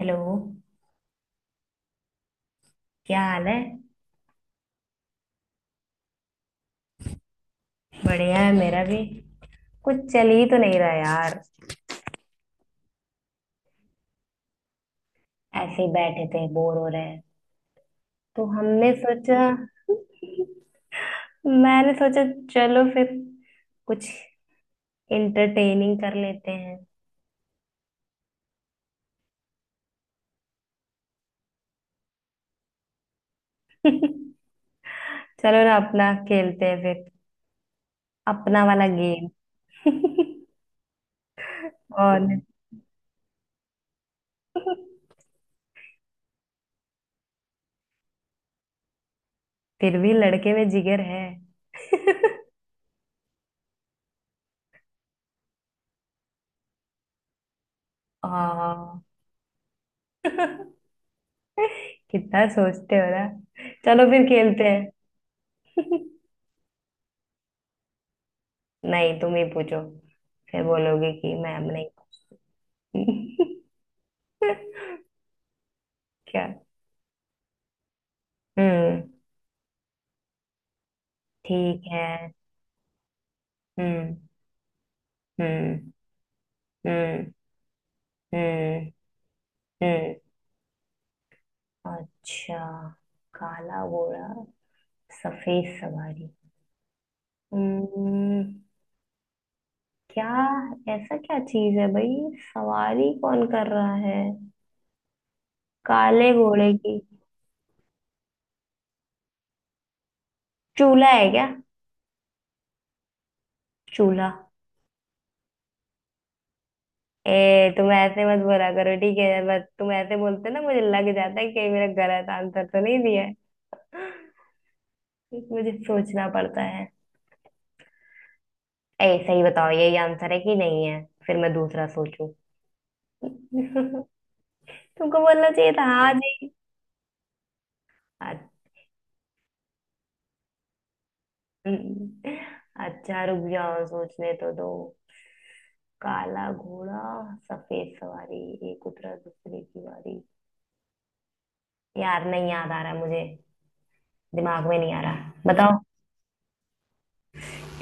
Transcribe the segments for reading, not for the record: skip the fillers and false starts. Hello. क्या हाल है? बढ़िया है, मेरा भी। कुछ चल ही तो नहीं रहा यार। ऐसे ही बैठे थे, बोर हो रहे हैं तो हमने सोचा। मैंने सोचा चलो फिर कुछ इंटरटेनिंग कर लेते हैं। चलो ना, अपना खेलते हैं फिर, अपना वाला गेम। और। फिर भी लड़के में जिगर है। हाँ। कितना सोचते हो ना। चलो फिर खेलते हैं। नहीं, तुम ही पूछो। फिर बोलोगे कि मैम नहीं पूछती। क्या? हम्म। ठीक है। हम्म। हम्म। हम्म। हम्म। हम्म। अच्छा। काला घोड़ा, सफेद सवारी। हम्म। क्या? ऐसा क्या चीज है भाई? सवारी कौन कर रहा है काले घोड़े की? चूल्हा है क्या? चूल्हा। ए तुम ऐसे मत बोला करो, ठीक है? बस तुम ऐसे बोलते ना, मुझे लग जाता है कि कहीं मेरा गलत आंसर तो नहीं दिया है। मुझे सोचना पड़ता है। ए सही बताओ यही आंसर है कि नहीं है, फिर मैं दूसरा सोचूं। तुमको बोलना चाहिए था हाँ जी। अच्छा, अच्छा, रुक जाओ सोचने तो दो। काला घोड़ा, सफेद सवारी, एक उतरा दूसरे की बारी। यार नहीं याद आ रहा मुझे, दिमाग में नहीं आ रहा, बताओ।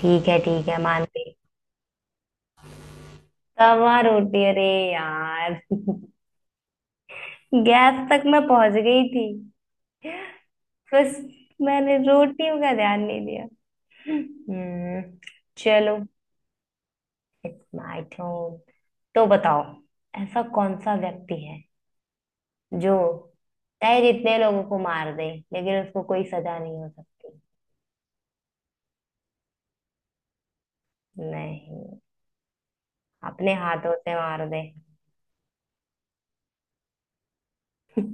ठीक है, ठीक है, मान गई। तवा रोटी? अरे यार। गैस तक मैं पहुंच गई थी। बस, मैंने रोटियों का ध्यान नहीं दिया। हम्म। चलो। It's my turn. तो बताओ, ऐसा कौन सा व्यक्ति है जो चाहे जितने लोगों को मार दे लेकिन उसको कोई सजा नहीं हो सकती। नहीं। अपने हाथों से मार दे।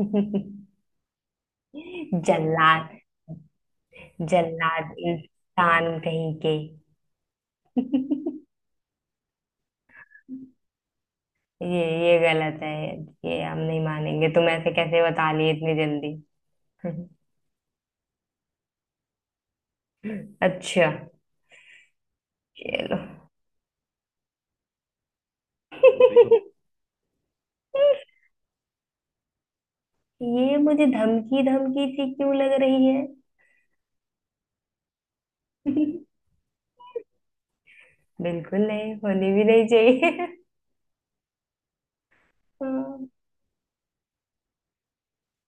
जल्लाद। जल्लाद इंसान कहीं के। ये ये गलत है। ये हम नहीं मानेंगे। तुम ऐसे कैसे बता लिए इतनी जल्दी? अच्छा। चलो। देखो, ये मुझे धमकी धमकी सी क्यों लग रही है। बिल्कुल नहीं, होनी भी नहीं चाहिए। हाँ।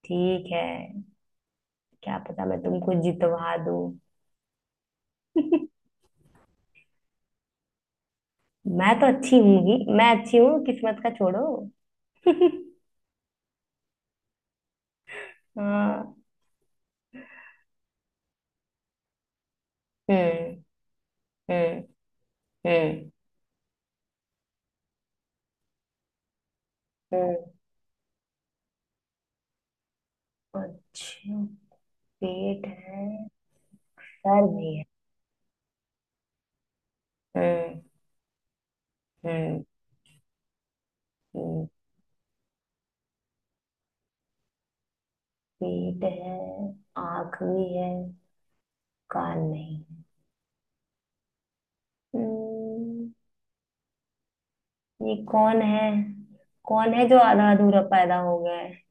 ठीक है, क्या पता मैं तुमको जितवा दूं। मैं तो अच्छी हूं ही, मैं अच्छी हूँ, किस्मत का छोड़ो। हाँ। हम्म। हम्म। हम्म। हम्म। अच्छा, पेट है, सर भी है। हम्म। हम्म। हम्म। पीठ है, आंख भी है, कान नहीं है। हम्म, ये कौन है? कौन है जो आधा अधूरा पैदा हो गया है?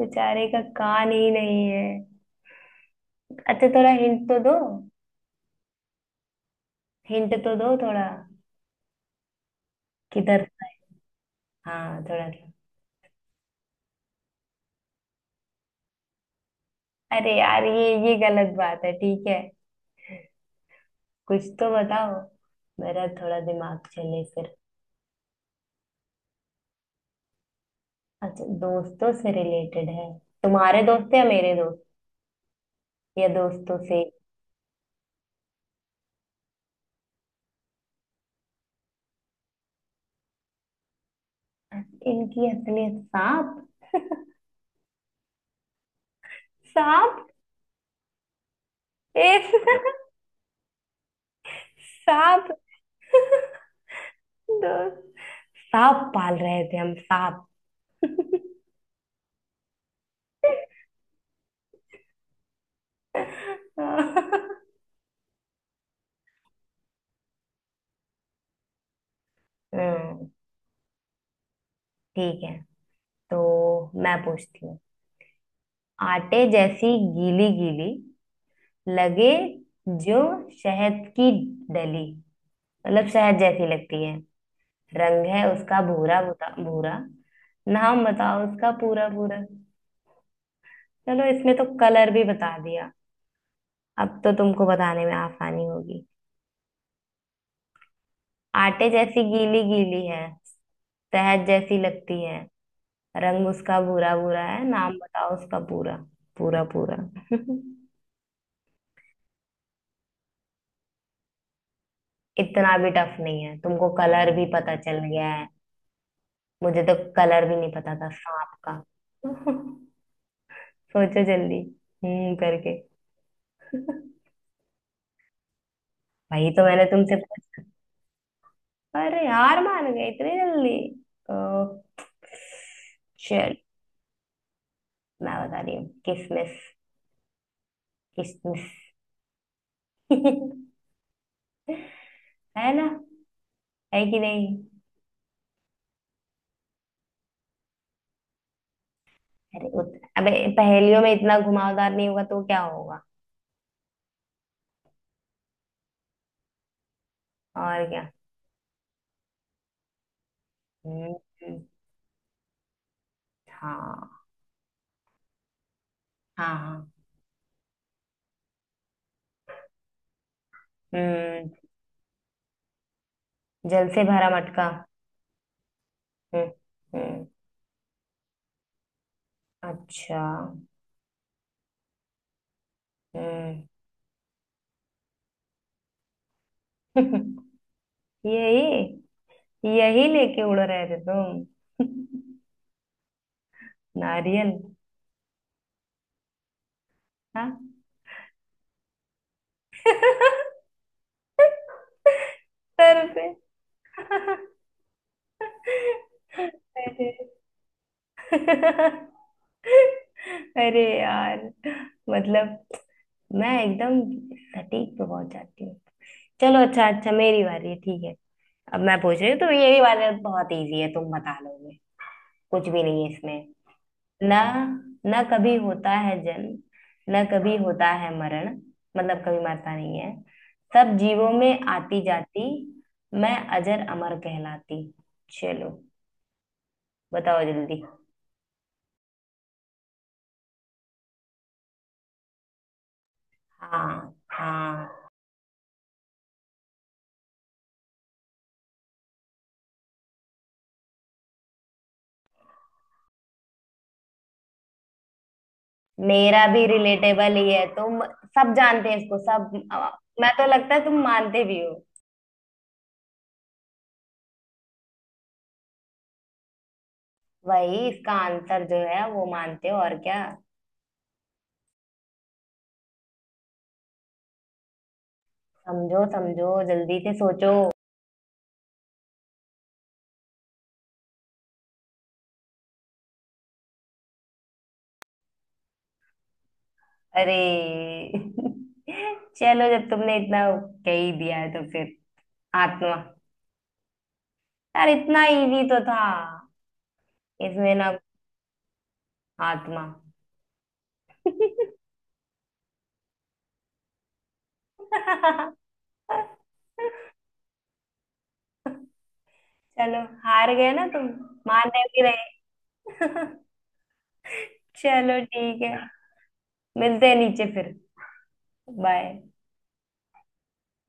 बेचारे का कान ही नहीं है। अच्छा, थोड़ा हिंट तो दो। हिंट तो दो थोड़ा। किधर? हाँ, थोड़ा थोड़ा। अरे यार, ये गलत बात है। ठीक है, कुछ तो बताओ, मेरा थोड़ा दिमाग चले फिर। अच्छा, दोस्तों से रिलेटेड है? तुम्हारे दोस्त है या मेरे दोस्त? या दोस्तों से? इनकी असलियत सांप? सांप। एक। सांप। दोस्त। सांप पाल रहे थे हम? सांप। हम्म, ठीक है। तो मैं पूछती हूँ, आटे जैसी गीली गीली लगे जो, शहद की डली, मतलब शहद जैसी लगती है। रंग है उसका भूरा भूरा भूरा, नाम बताओ उसका पूरा पूरा। चलो, इसमें तो कलर भी बता दिया, अब तो तुमको बताने में आसानी होगी। आटे जैसी गीली गीली है, शहद जैसी लगती है। रंग उसका भूरा भूरा है, नाम बताओ उसका पूरा, पूरा पूरा। इतना भी टफ नहीं है, तुमको कलर भी पता चल गया है। मुझे तो कलर भी नहीं पता था सांप का। सोचो जल्दी, करके। वही तो मैंने तुमसे पूछा। अरे हार मान गए इतनी जल्दी? ओ, चल। मैं बता रही हूँ, किसमिस। किसमिस। है ना? है कि नहीं? अरे उत, अबे, पहेलियों में इतना घुमावदार नहीं होगा तो क्या होगा? और क्या। हम्म। हाँ, हाँ, हाँ। हम्म। जल से भरा मटका। हम्म। हम्म। अच्छा। हम्म। यही, यही लेके उड़ रहे थे तुम। नारियल। हाँ। सर पे। अरे। अरे यार, मतलब मैं एकदम सटीक पे पहुंच जाती हूँ। चलो, अच्छा, अच्छा, मेरी बारी है, ठीक है। अब मैं पूछ रही हूँ, तो ये वाला बहुत इजी है, तुम बता लोगे, कुछ भी नहीं है इसमें। ना, ना कभी होता है जन्म, ना कभी होता है मरण, मतलब कभी मरता नहीं है। सब जीवों में आती जाती, मैं अजर अमर कहलाती। चलो, बताओ जल्दी। हाँ, हाँ। मेरा भी रिलेटेबल ही है, तुम सब जानते हैं इसको सब। आ, मैं तो, लगता है तुम मानते भी हो। वही इसका आंसर जो है वो मानते हो, और क्या। समझो समझो जल्दी से सोचो। अरे। चलो, जब तुमने इतना कह ही दिया है तो फिर, आत्मा। यार इतना इजी तो था इसमें ना, आत्मा। चलो, हार गए ना तुम? मान रहे हो कि नहीं? चलो ठीक है, मिलते हैं नीचे फिर। बाय।